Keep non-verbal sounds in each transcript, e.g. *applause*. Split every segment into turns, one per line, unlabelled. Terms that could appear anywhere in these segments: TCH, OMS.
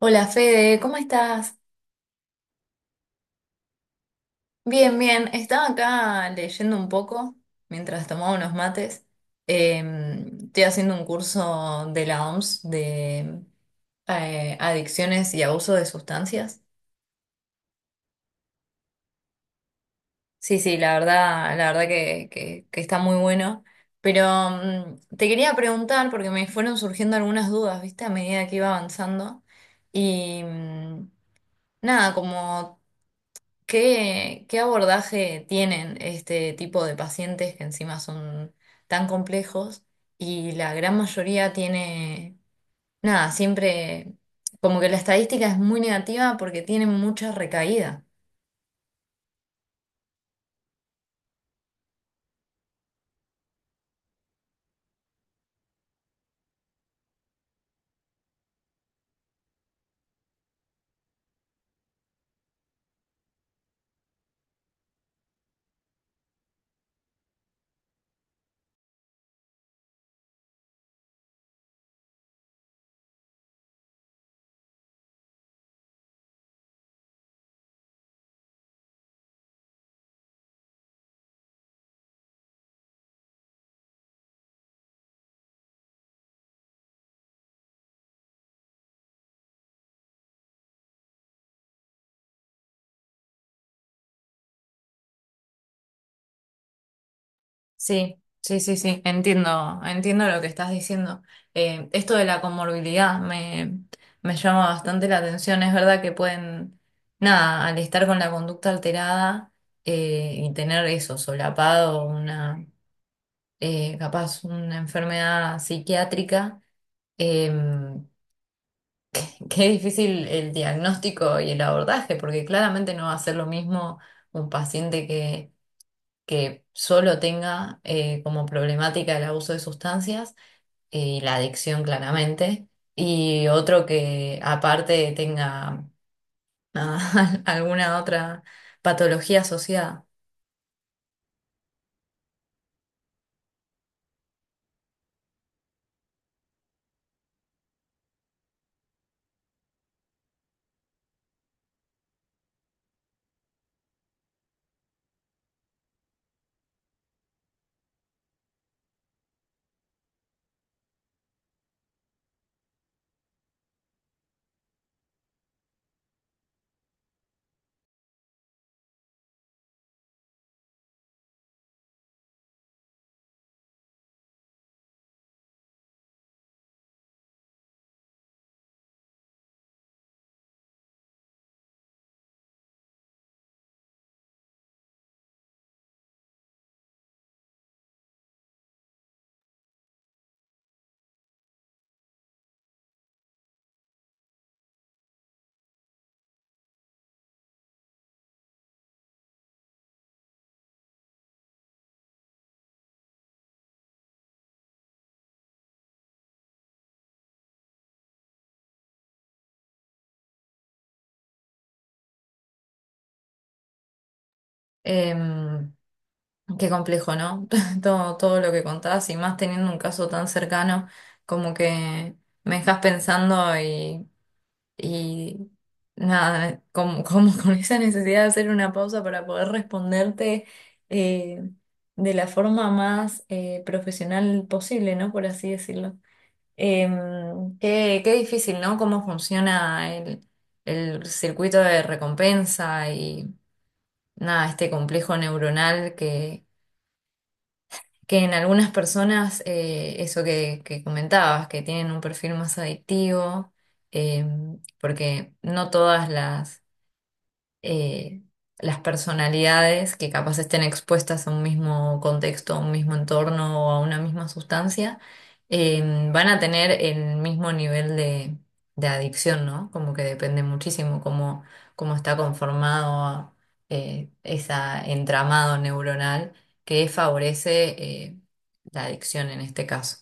Hola Fede, ¿cómo estás? Bien, bien. Estaba acá leyendo un poco mientras tomaba unos mates. Eh, Estoy haciendo un curso de la OMS de adicciones y abuso de sustancias. Sí, sí, la verdad, que está muy bueno. Pero te quería preguntar, porque me fueron surgiendo algunas dudas, ¿viste? A medida que iba avanzando. Y nada, como... qué abordaje tienen este tipo de pacientes que encima son tan complejos y la gran mayoría tiene, nada, siempre como que la estadística es muy negativa porque tienen mucha recaída. Sí, sí, sí, sí, entiendo, entiendo lo que estás diciendo. Esto de la me llama bastante la atención. Es verdad que pueden, nada, al estar con la conducta alterada y tener eso, solapado, una capaz una enfermedad psiquiátrica, em, *laughs* que es difícil el diagnóstico y el abordaje, porque claramente no va a ser lo mismo un que solo tenga como problemática el abuso de sustancias y la adicción claramente, y otro que aparte tenga *laughs* alguna otra patología asociada. Em, Qué complejo, ¿no? *laughs* Todo, todo lo que contabas y más teniendo un caso tan cercano, como que me dejas y nada, como, como *laughs* con esa necesidad de hacer una pausa para poder responderte eh, de la forma más profesional posible, ¿no? Por así decirlo. Qué, qué difícil, ¿no? Cómo funciona el circuito de recompensa y nada, este complejo neuronal que en algunas personas, eso que comentabas, que tienen un perfil más adictivo, eh, porque no todas eh, las personalidades que capaz estén expuestas a un mismo contexto, a un mismo entorno o a una misma sustancia, van a tener el mismo de adicción, ¿no? Como que depende muchísimo cómo, cómo está conformado ese entramado neuronal que favorece eh, la adicción en este caso.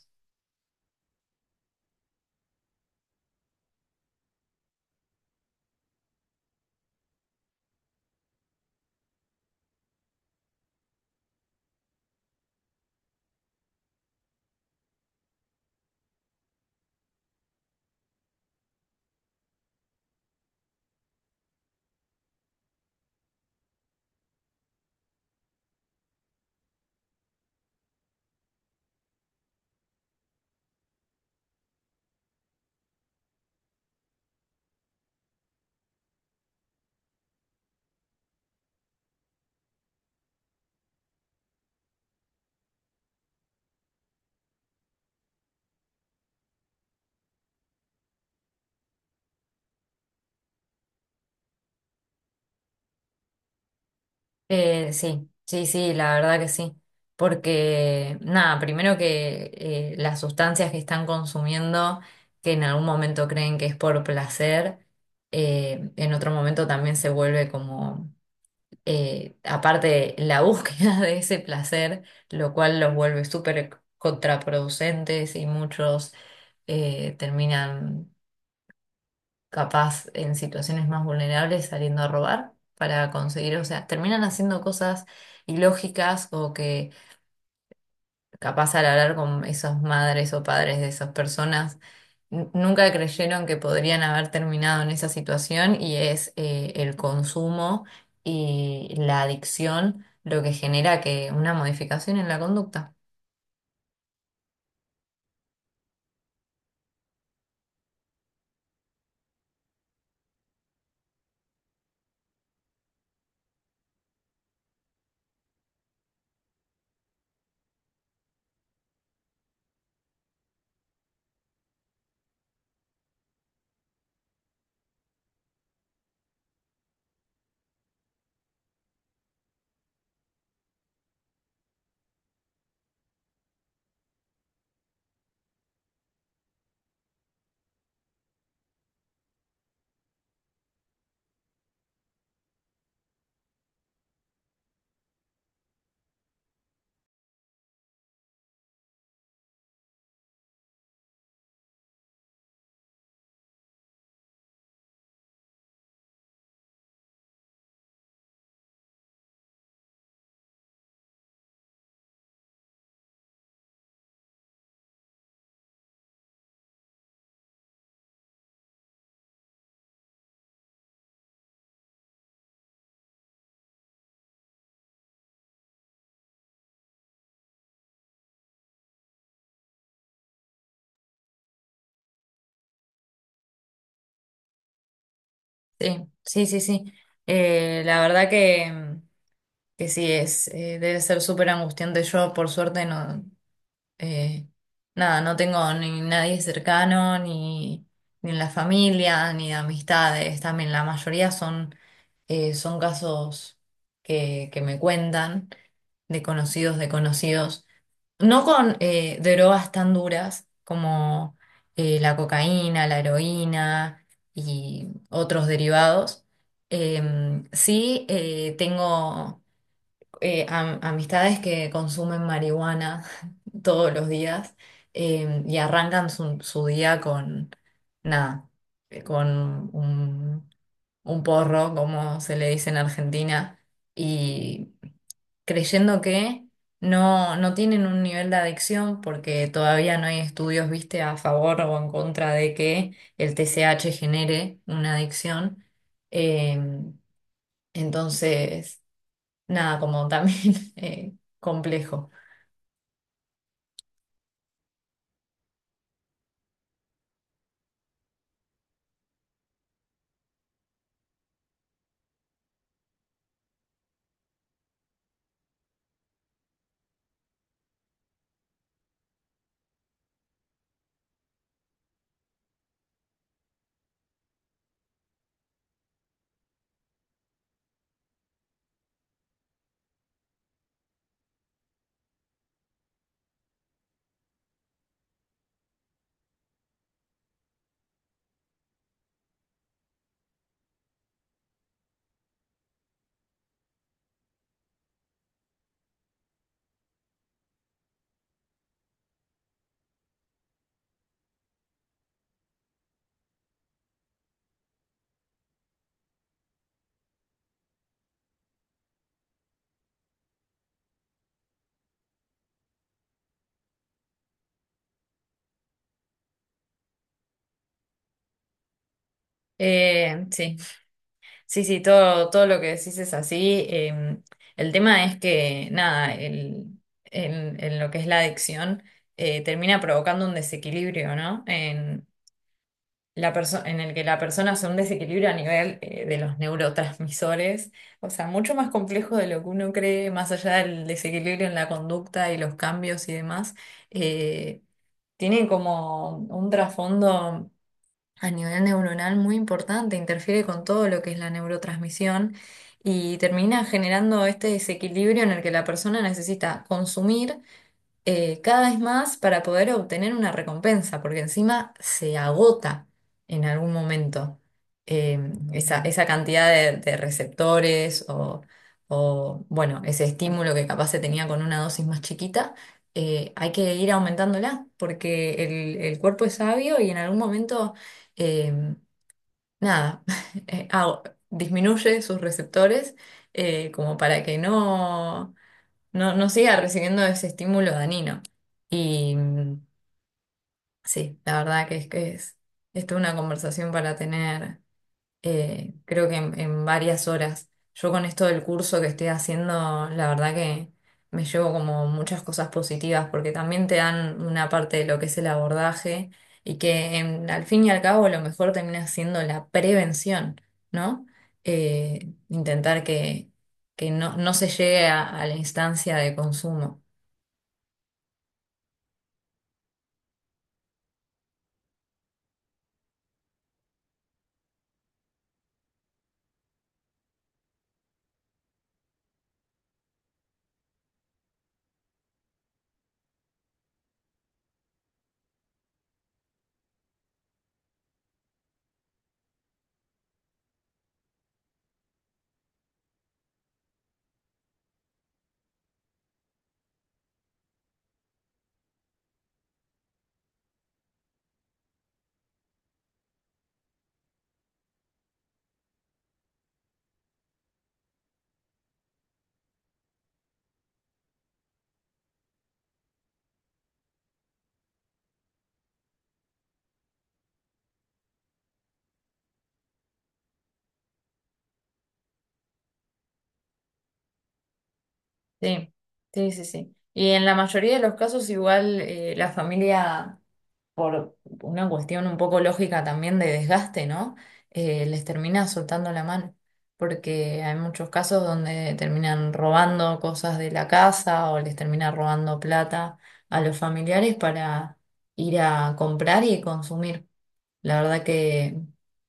Sí, sí, sí, la verdad que sí. Porque, nada, primero que las sustancias que están consumiendo, que en algún momento creen que es por placer, en otro momento también se vuelve como, aparte, la búsqueda *laughs* de ese placer, lo cual los vuelve súper contraproducentes y muchos terminan capaz en situaciones más vulnerables saliendo a robar para conseguir, o sea, terminan haciendo cosas ilógicas o que capaz al hablar con esas madres o padres de esas personas, nunca creyeron que podrían haber terminado en esa situación y es el consumo y la adicción lo que genera que una modificación en la conducta. Sí, sí, sí, sí. La verdad que sí es, debe ser súper angustiante. Yo, por suerte, no. Eh, nada, no tengo ni nadie cercano, ni, ni en la familia, ni de amistades. También la mayoría son, son casos que me cuentan de conocidos, de conocidos. No con drogas tan duras como la cocaína, la heroína y otros derivados. Sí, tengo amistades que consumen marihuana *laughs* todos los días y arrancan su día con nada, con un porro, como se le dice en Argentina, y creyendo que no, no tienen un nivel de adicción porque todavía no hay estudios, viste, a favor o en contra de que el TCH genere una adicción. Em, entonces nada, como también *laughs* complejo. Sí, sí, sí, todo, todo lo que decís es así. El tema es que, nada, en lo que es la adicción, termina provocando un desequilibrio, ¿no? En, en el que la persona hace un desequilibrio a nivel de los neurotransmisores, o sea, mucho más complejo de lo que uno cree, más allá del desequilibrio en la conducta y los cambios y demás. Eh, tiene como un trasfondo a nivel neuronal muy importante, interfiere con todo lo que es la neurotransmisión y termina generando este desequilibrio en el que la persona necesita consumir cada vez más para poder obtener una recompensa, porque encima se agota en algún momento eh, esa cantidad de receptores o, bueno, ese estímulo que capaz se tenía con una dosis más chiquita, hay que ir aumentándola, porque el cuerpo es sabio y en algún momento, eh, nada, *laughs* eh, ah, disminuye sus receptores como para que no no, no siga recibiendo ese estímulo dañino. Y sí, la verdad que es, esto es una conversación para tener, creo que en varias horas. Yo con esto del curso que estoy haciendo, la verdad que me llevo como muchas cosas positivas, porque también te dan una parte de lo que es el abordaje y que al fin y al cabo lo mejor termina siendo la prevención, ¿no? Intentar que no, no se llegue a la instancia de consumo. Sí, sí, sí, sí. Y en la mayoría de los casos igual la familia, por una cuestión un poco lógica también de desgaste, ¿no? Les termina soltando la mano, porque hay muchos casos donde terminan robando cosas de la casa o les termina robando plata a los familiares para ir a comprar y consumir. La verdad que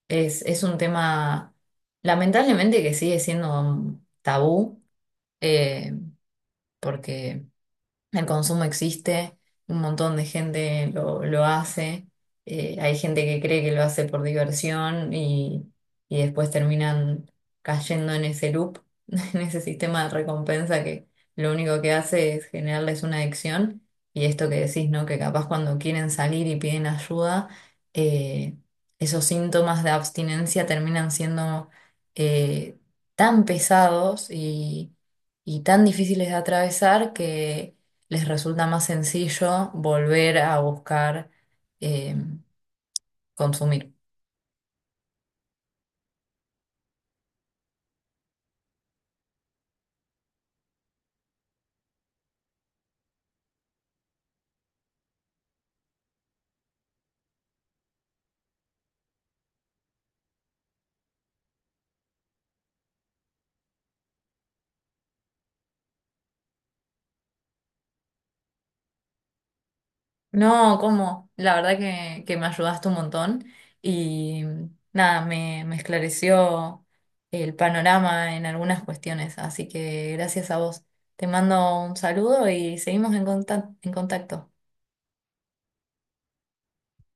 es un tema, lamentablemente, que sigue siendo tabú. eh, porque el consumo existe, un montón de gente lo hace, hay gente que cree que lo hace por diversión y después terminan cayendo en ese loop, *laughs* en ese sistema de recompensa que lo único que hace es generarles una adicción y esto que decís, ¿no? Que capaz cuando quieren salir y piden ayuda, eh, esos síntomas de abstinencia terminan siendo eh, tan pesados y tan difíciles de atravesar que les resulta más sencillo volver a buscar eh, consumir. No, ¿cómo? La verdad que me ayudaste un montón y nada, me esclareció el panorama en algunas cuestiones, así que gracias a vos. Te mando un saludo y seguimos en en contacto.